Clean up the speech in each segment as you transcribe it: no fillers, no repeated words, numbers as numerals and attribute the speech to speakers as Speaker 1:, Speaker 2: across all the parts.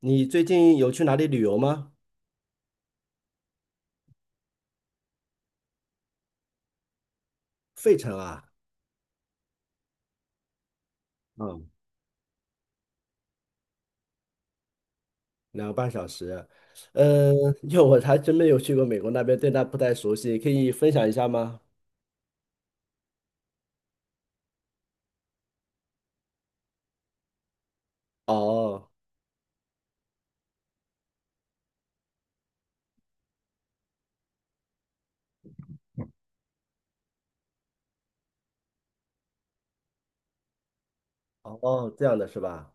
Speaker 1: 你最近有去哪里旅游吗？费城啊，嗯，2个半小时。嗯，因为我还真没有去过美国那边，对那不太熟悉，可以分享一下吗？哦，哦，这样的是吧？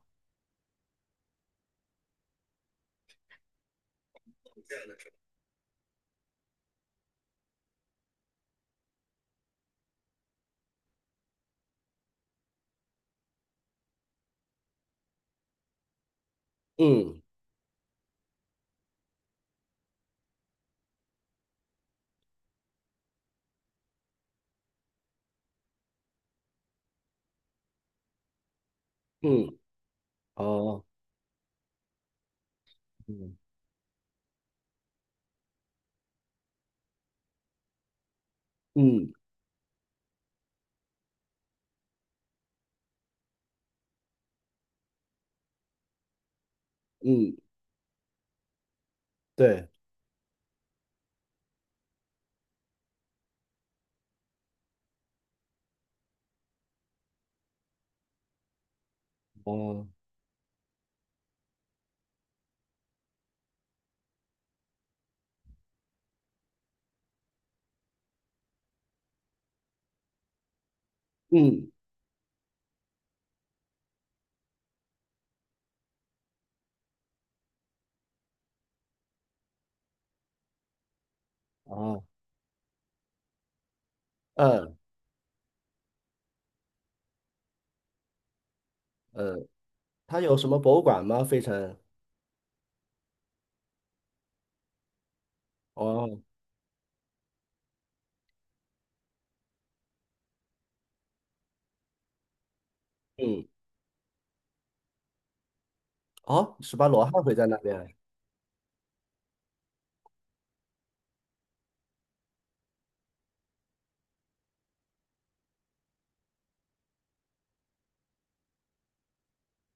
Speaker 1: 嗯嗯，哦，嗯嗯嗯，对，哦，嗯哦，嗯嗯，他有什么博物馆吗？费城？哦，嗯，哦，十八罗汉会在那边。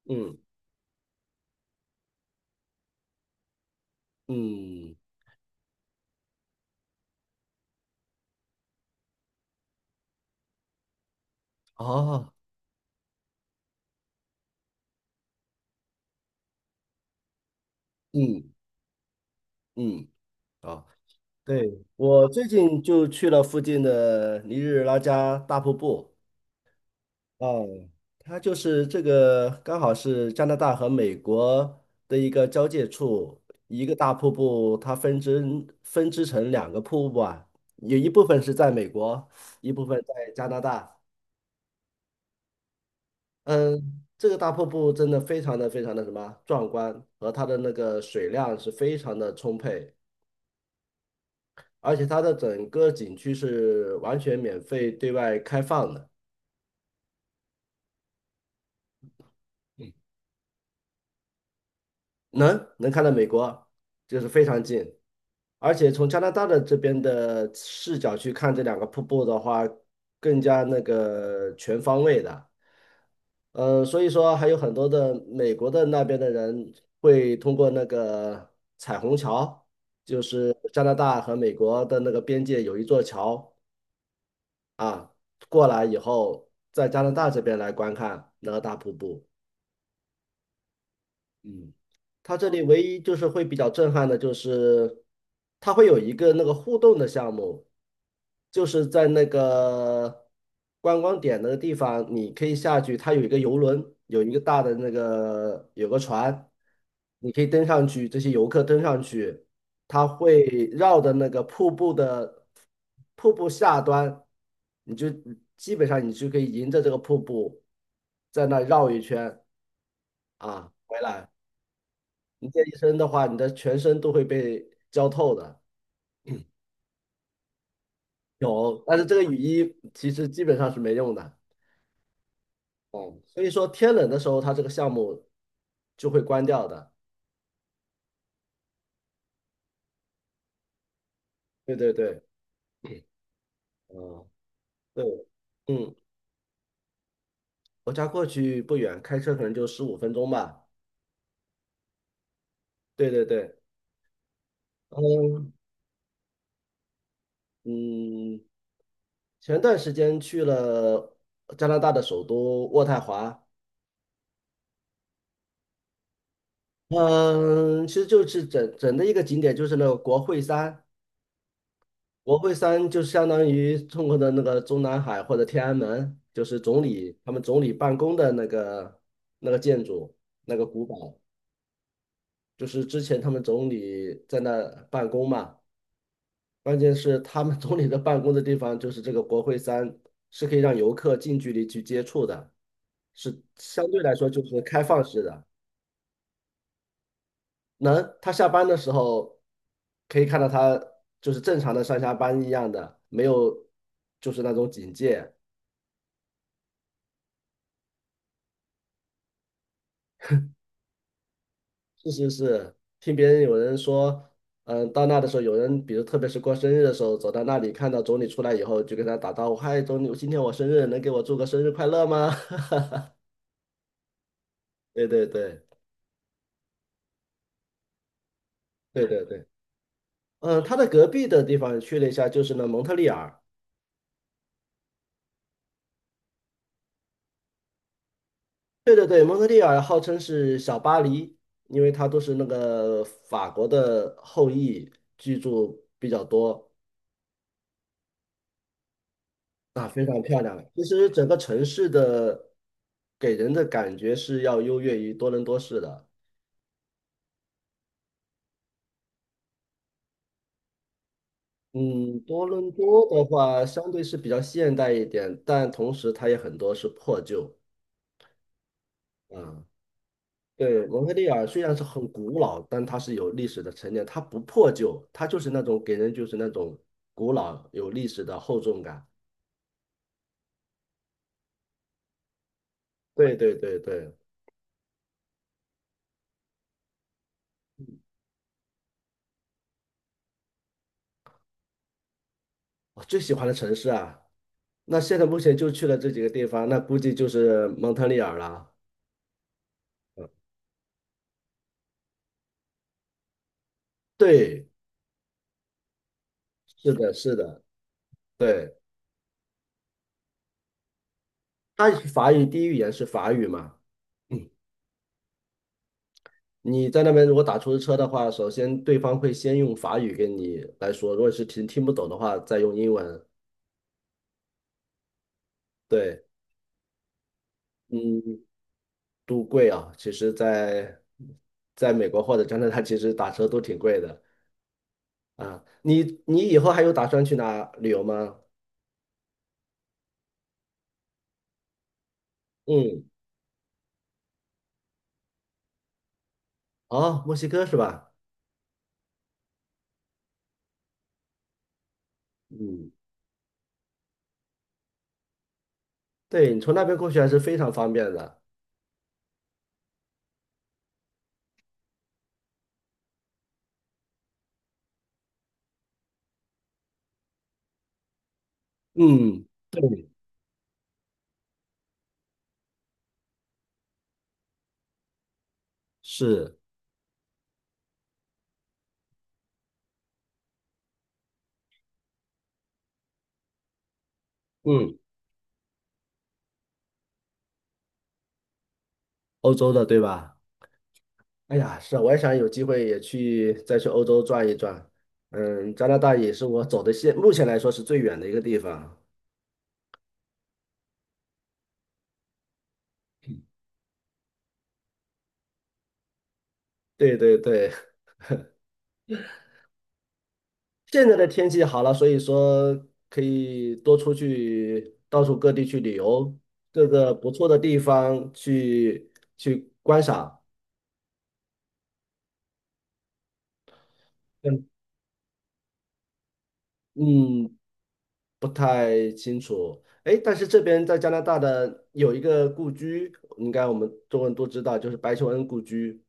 Speaker 1: 嗯嗯，哦，嗯嗯，哦。对，我最近就去了附近的尼日拉加大瀑布啊，它就是这个刚好是加拿大和美国的一个交界处，一个大瀑布，它分支成两个瀑布啊，有一部分是在美国，一部分在加拿大。嗯，这个大瀑布真的非常的非常的什么壮观，和它的那个水量是非常的充沛，而且它的整个景区是完全免费对外开放的。能看到美国，就是非常近，而且从加拿大的这边的视角去看这两个瀑布的话，更加那个全方位的。所以说还有很多的美国的那边的人会通过那个彩虹桥，就是加拿大和美国的那个边界有一座桥啊，过来以后，在加拿大这边来观看那个大瀑布。嗯，它这里唯一就是会比较震撼的，就是它会有一个那个互动的项目，就是在那个观光点那个地方，你可以下去，它有一个游轮，有一个大的那个有个船，你可以登上去，这些游客登上去，它会绕着那个瀑布的瀑布下端，你就基本上你就可以迎着这个瀑布在那绕一圈啊回来。你这一身的话，你的全身都会被浇透的。有，但是这个雨衣其实基本上是没用的。所以说天冷的时候，它这个项目就会关掉的。对对对，嗯，对，嗯，我家过去不远，开车可能就15分钟吧。对对对，嗯嗯，前段时间去了加拿大的首都渥太华，嗯，其实就是整整的一个景点就是那个国会山。国会山就相当于中国的那个中南海或者天安门，就是他们总理办公的那个建筑，那个古堡，就是之前他们总理在那办公嘛。关键是他们总理的办公的地方就是这个国会山，是可以让游客近距离去接触的，是相对来说就是开放式的。能，他下班的时候可以看到他就是正常的上下班一样的，没有就是那种警戒。是是是，听别人有人说，嗯，到那的时候，有人比如特别是过生日的时候，走到那里看到总理出来以后，就跟他打招呼：“嗨，总理，今天我生日，能给我祝个生日快乐吗？” 对对对对对对，嗯，他的隔壁的地方去了一下，就是那蒙特利尔。对对对，蒙特利尔号称是小巴黎，因为它都是那个法国的后裔居住比较多。其实整个城市的给人的感觉是要优越于多伦多市的。嗯，多伦多的话，相对是比较现代一点，但同时它也很多是破旧。啊，对，蒙特利尔虽然是很古老，但它是有历史的沉淀，它不破旧，它就是那种给人就是那种古老有历史的厚重感。对对对对，我最喜欢的城市啊，那现在目前就去了这几个地方，那估计就是蒙特利尔了。对，是的，是的，对，它法语第一语言是法语嘛。嗯你在那边如果打出租车的话，首先对方会先用法语跟你来说，如果是听不懂的话，再用英文。对，嗯，都贵啊，其实在，在美国或者加拿大，其实打车都挺贵的啊。你以后还有打算去哪旅游吗？嗯，哦，墨西哥是吧？嗯，对，你从那边过去还是非常方便的。嗯，是，嗯，欧洲的对吧？哎呀，是啊，我也想有机会也去再去欧洲转一转。嗯，加拿大也是我走的目前来说是最远的一个地方。对对对，现在的天气好了，所以说可以多出去到处各地去旅游，各个不错的地方去观赏。嗯嗯，不太清楚。哎，但是这边在加拿大的有一个故居，应该我们中国人都知道，就是白求恩故居。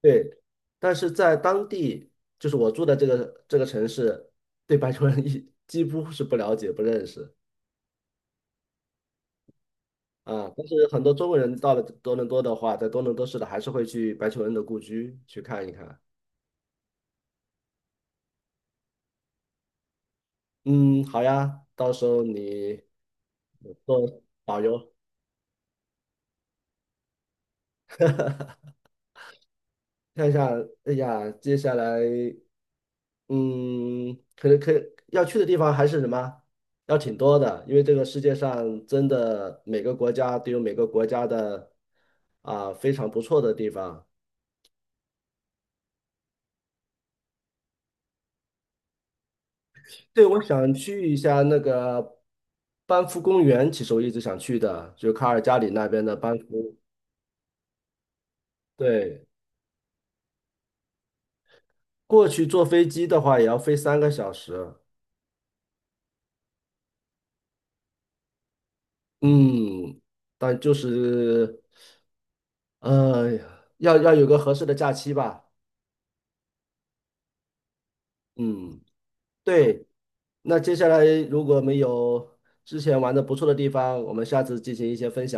Speaker 1: 对，但是在当地，就是我住的这个城市，对白求恩几乎是不了解、不认识啊。但是很多中国人到了多伦多的话，在多伦多市的还是会去白求恩的故居去看一看。嗯，好呀，到时候你做导游看一下，哎呀，接下来嗯，可能要去的地方还是什么，要挺多的，因为这个世界上真的每个国家都有每个国家的非常不错的地方。对，我想去一下那个班夫公园，其实我一直想去的，就卡尔加里那边的班夫。对，过去坐飞机的话也要飞3个小时。嗯，但就是呃，要有个合适的假期吧。嗯。对，那接下来如果没有之前玩的不错的地方，我们下次进行一些分享。